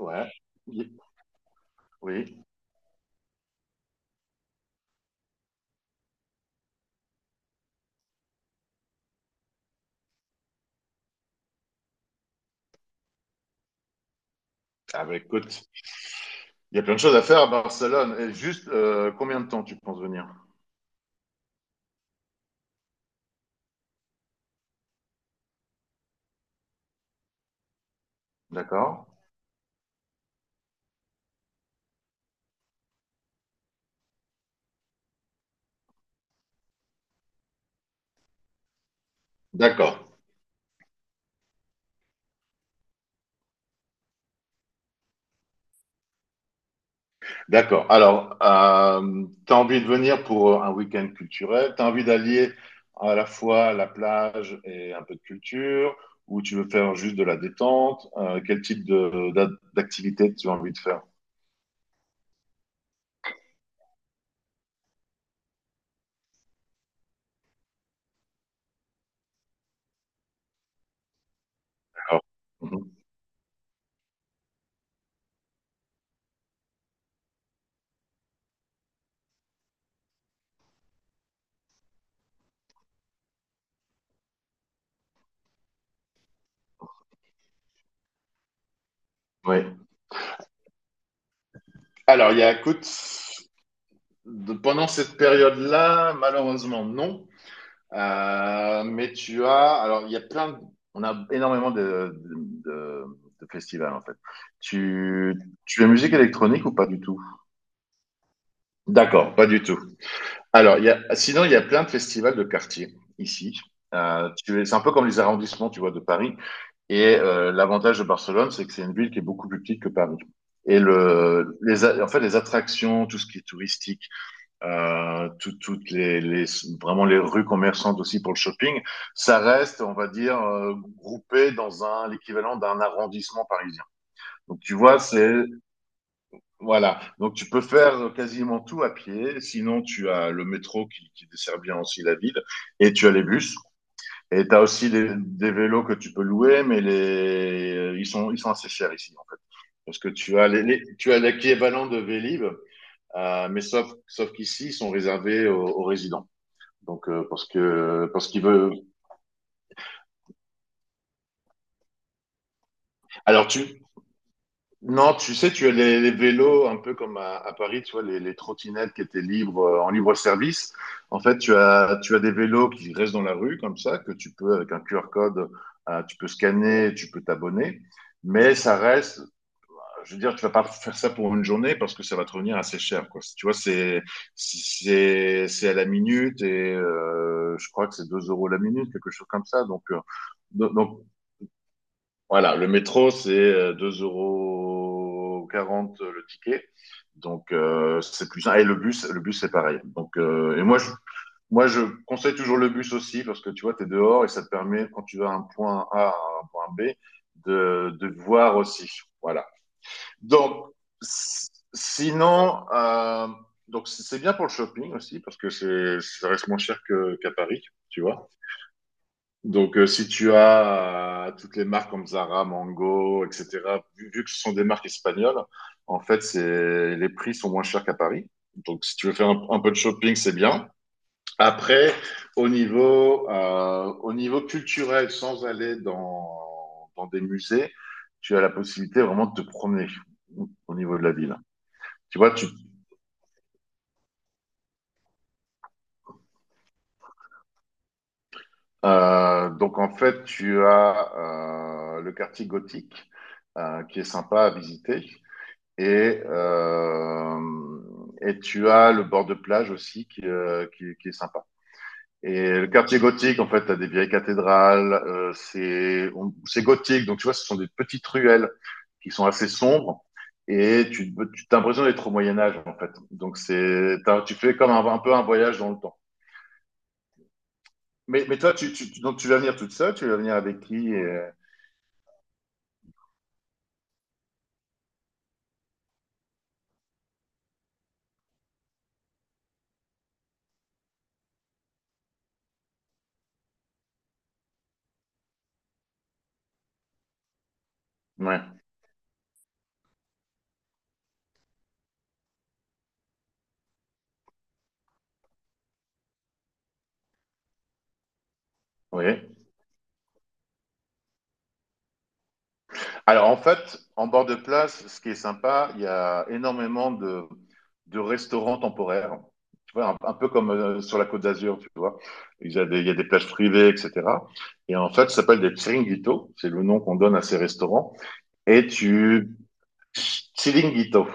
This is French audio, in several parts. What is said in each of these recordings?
Ouais, oui, oui. Ah bah écoute, il y a plein de choses à faire à Barcelone. Et juste, combien de temps tu penses venir? D'accord? D'accord, d'accord. Alors, tu as envie de venir pour un week-end culturel? Tu as envie d'allier à la fois la plage et un peu de culture? Ou tu veux faire juste de la détente? Quel type d'activité tu as envie de faire? D'accord. Mhm. Oui. Alors, il y a, écoute, pendant cette période-là, malheureusement, non. Alors il y a on a énormément de festivals en fait. Tu, tu as musique électronique ou pas du tout? D'accord, pas du tout. Alors sinon il y a plein de festivals de quartier ici. C'est un peu comme les arrondissements, tu vois, de Paris. Et l'avantage de Barcelone, c'est que c'est une ville qui est beaucoup plus petite que Paris. Et en fait, les attractions, tout ce qui est touristique, toutes vraiment les rues commerçantes aussi pour le shopping, ça reste, on va dire, groupé dans un l'équivalent d'un arrondissement parisien. Donc tu vois, c'est voilà. Donc tu peux faire quasiment tout à pied. Sinon, tu as le métro qui dessert bien aussi la ville, et tu as les bus. Et tu as aussi des vélos que tu peux louer, mais ils sont assez chers ici, en fait. Parce que tu as tu as l'équivalent de Vélib, mais sauf qu'ici, ils sont réservés aux résidents. Donc parce que parce qu'il veut. Alors tu non, tu sais, tu as les vélos un peu comme à Paris, tu vois les trottinettes qui étaient libres en libre service. En fait, tu as des vélos qui restent dans la rue comme ça que tu peux avec un QR code, tu peux scanner, tu peux t'abonner. Mais ça reste, je veux dire, tu vas pas faire ça pour une journée parce que ça va te revenir assez cher, quoi. Tu vois, c'est à la minute et je crois que c'est 2 € la minute, quelque chose comme ça. Donc voilà, le métro, c'est 2,40 € le ticket. Donc, c'est plus simple. Et le bus, c'est pareil. Donc, et moi, je conseille toujours le bus aussi parce que tu vois, tu es dehors et ça te permet, quand tu vas à un point A à un point B, de voir aussi. Voilà. Donc, s- sinon, c'est bien pour le shopping aussi parce que ça reste moins cher qu'à Paris, tu vois. Donc, si tu as toutes les marques comme Zara, Mango, etc., vu que ce sont des marques espagnoles, en fait, les prix sont moins chers qu'à Paris. Donc, si tu veux faire un peu de shopping, c'est bien. Après, au niveau culturel, sans aller dans des musées, tu as la possibilité vraiment de te promener au niveau de la ville. Tu vois, donc en fait, tu as le quartier gothique, qui est sympa à visiter. Et, euh, et tu as le bord de plage aussi qui est sympa. Et le quartier gothique, en fait, t'as des vieilles cathédrales, c'est gothique, donc tu vois, ce sont des petites ruelles qui sont assez sombres, et t'as l'impression d'être au Moyen Âge, en fait. Donc tu fais comme un peu un voyage dans le temps. Mais toi, donc tu vas venir toute seule, tu vas venir avec qui. Ouais, oui. Alors en fait, en bord de plage, ce qui est sympa, il y a énormément de restaurants temporaires. Tu vois, un peu comme sur la Côte d'Azur, tu vois. Il y a des plages privées, etc. Et en fait, ça s'appelle des chiringuitos. C'est le nom qu'on donne à ces restaurants. Et tu... Chiringuito.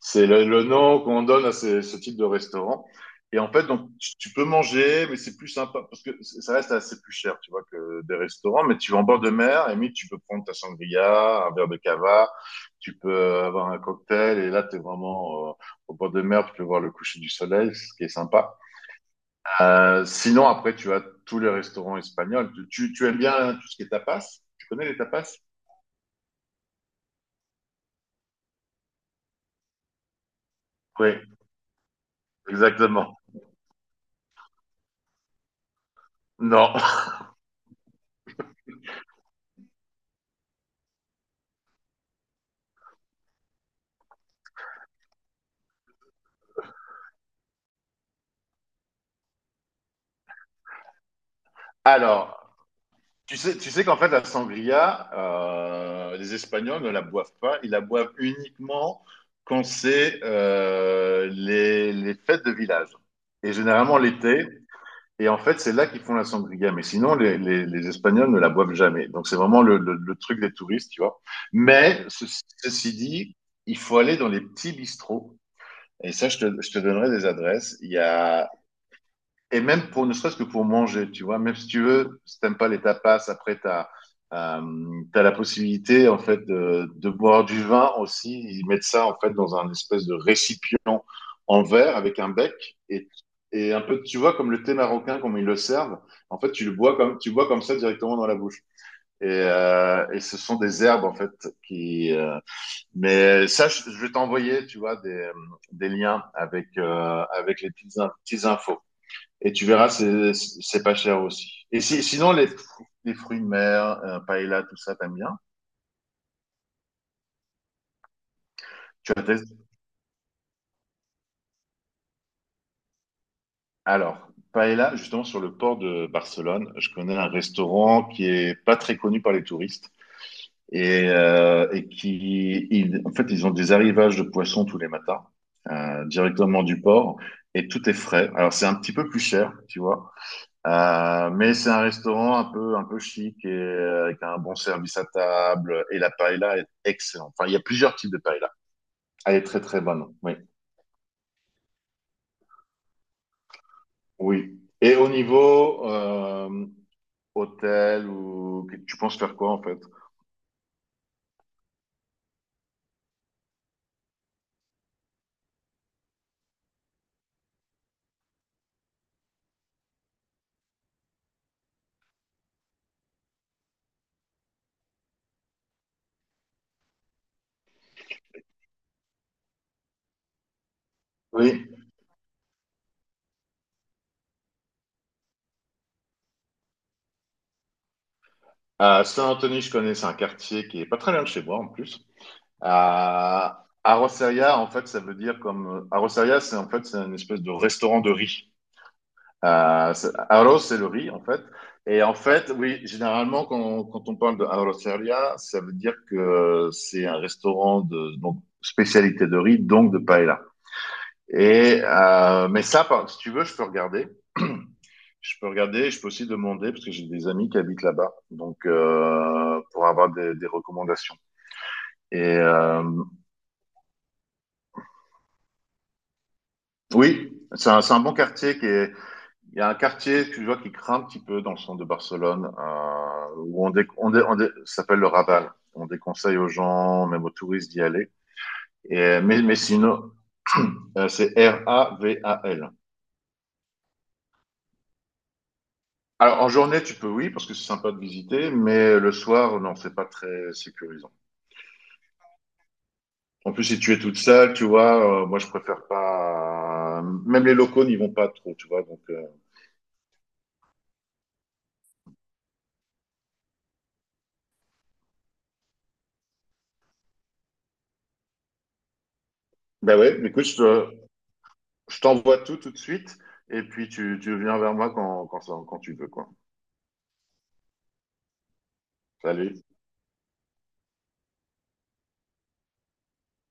C'est le nom qu'on donne à ce type de restaurant. Et en fait, donc, tu peux manger, mais c'est plus sympa parce que ça reste assez plus cher, tu vois, que des restaurants. Mais tu vas en bord de mer, et limite, tu peux prendre ta sangria, un verre de cava, tu peux avoir un cocktail, et là, tu es vraiment au bord de mer, tu peux voir le coucher du soleil, ce qui est sympa. Sinon, après, tu as tous les restaurants espagnols. Tu aimes bien tout ce qui est tapas? Tu connais les tapas? Oui, exactement. Non. Alors, tu sais qu'en fait, la sangria, les Espagnols ne la boivent pas. Ils la boivent uniquement quand c'est les fêtes de village. Et généralement l'été. Et en fait, c'est là qu'ils font la sangria. Mais sinon, les Espagnols ne la boivent jamais. Donc, c'est vraiment le truc des touristes, tu vois. Mais ceci dit, il faut aller dans les petits bistrots. Et ça, je te donnerai des adresses. Il y a Et même pour ne serait-ce que pour manger, tu vois, même si tu veux, si t'aimes pas les tapas, après euh, t'as la possibilité en fait de boire du vin aussi. Ils mettent ça en fait dans un espèce de récipient en verre avec un bec et et un peu, tu vois, comme le thé marocain, comme ils le servent, en fait, tu bois comme ça directement dans la bouche. Et ce sont des herbes, en fait, qui... euh, mais ça, je vais t'envoyer, tu vois, des liens avec, avec les petites infos. Et tu verras, c'est pas cher aussi. Et si, sinon, les fruits de mer, paella, tout ça, t'aimes bien? Tu as testé- Alors, paella, justement, sur le port de Barcelone, je connais un restaurant qui est pas très connu par les touristes et en fait, ils ont des arrivages de poissons tous les matins, directement du port et tout est frais. Alors, c'est un petit peu plus cher, tu vois. Mais c'est un restaurant un peu chic et avec un bon service à table. Et la paella est excellente. Enfin, il y a plusieurs types de paella. Elle est très, très bonne. Oui. Oui. Et au niveau hôtel, ou tu penses faire quoi en fait? Oui. À Saint-Anthony, je connais, c'est un quartier qui est pas très loin de chez moi en plus. À En fait, ça veut dire comme. À C'est en fait c'est une espèce de restaurant de riz. Arroz, c'est le riz, en fait. Et en fait, oui, généralement, quand on parle de arroceria, ça veut dire que c'est un restaurant de donc, spécialité de riz, donc de paella. Et, mais ça, si tu veux, je peux regarder. Je peux regarder, je peux aussi demander, parce que j'ai des amis qui habitent là-bas, donc pour avoir des recommandations. Et oui, c'est un bon quartier qui est. Il y a un quartier que je vois qui craint un petit peu dans le centre de Barcelone, où on, dé- on, dé- on dé- ça s'appelle le Raval. On déconseille aux gens, même aux touristes, d'y aller. Et, mais sinon, c'est Raval. Alors, en journée, tu peux, oui, parce que c'est sympa de visiter, mais le soir, non, c'est pas très sécurisant. En plus, si tu es toute seule, tu vois, moi, je préfère pas. Même les locaux n'y vont pas trop, tu vois. Donc, ben ouais, mais écoute, je t'envoie tout de suite, et puis tu viens vers moi quand tu veux, quoi. Salut.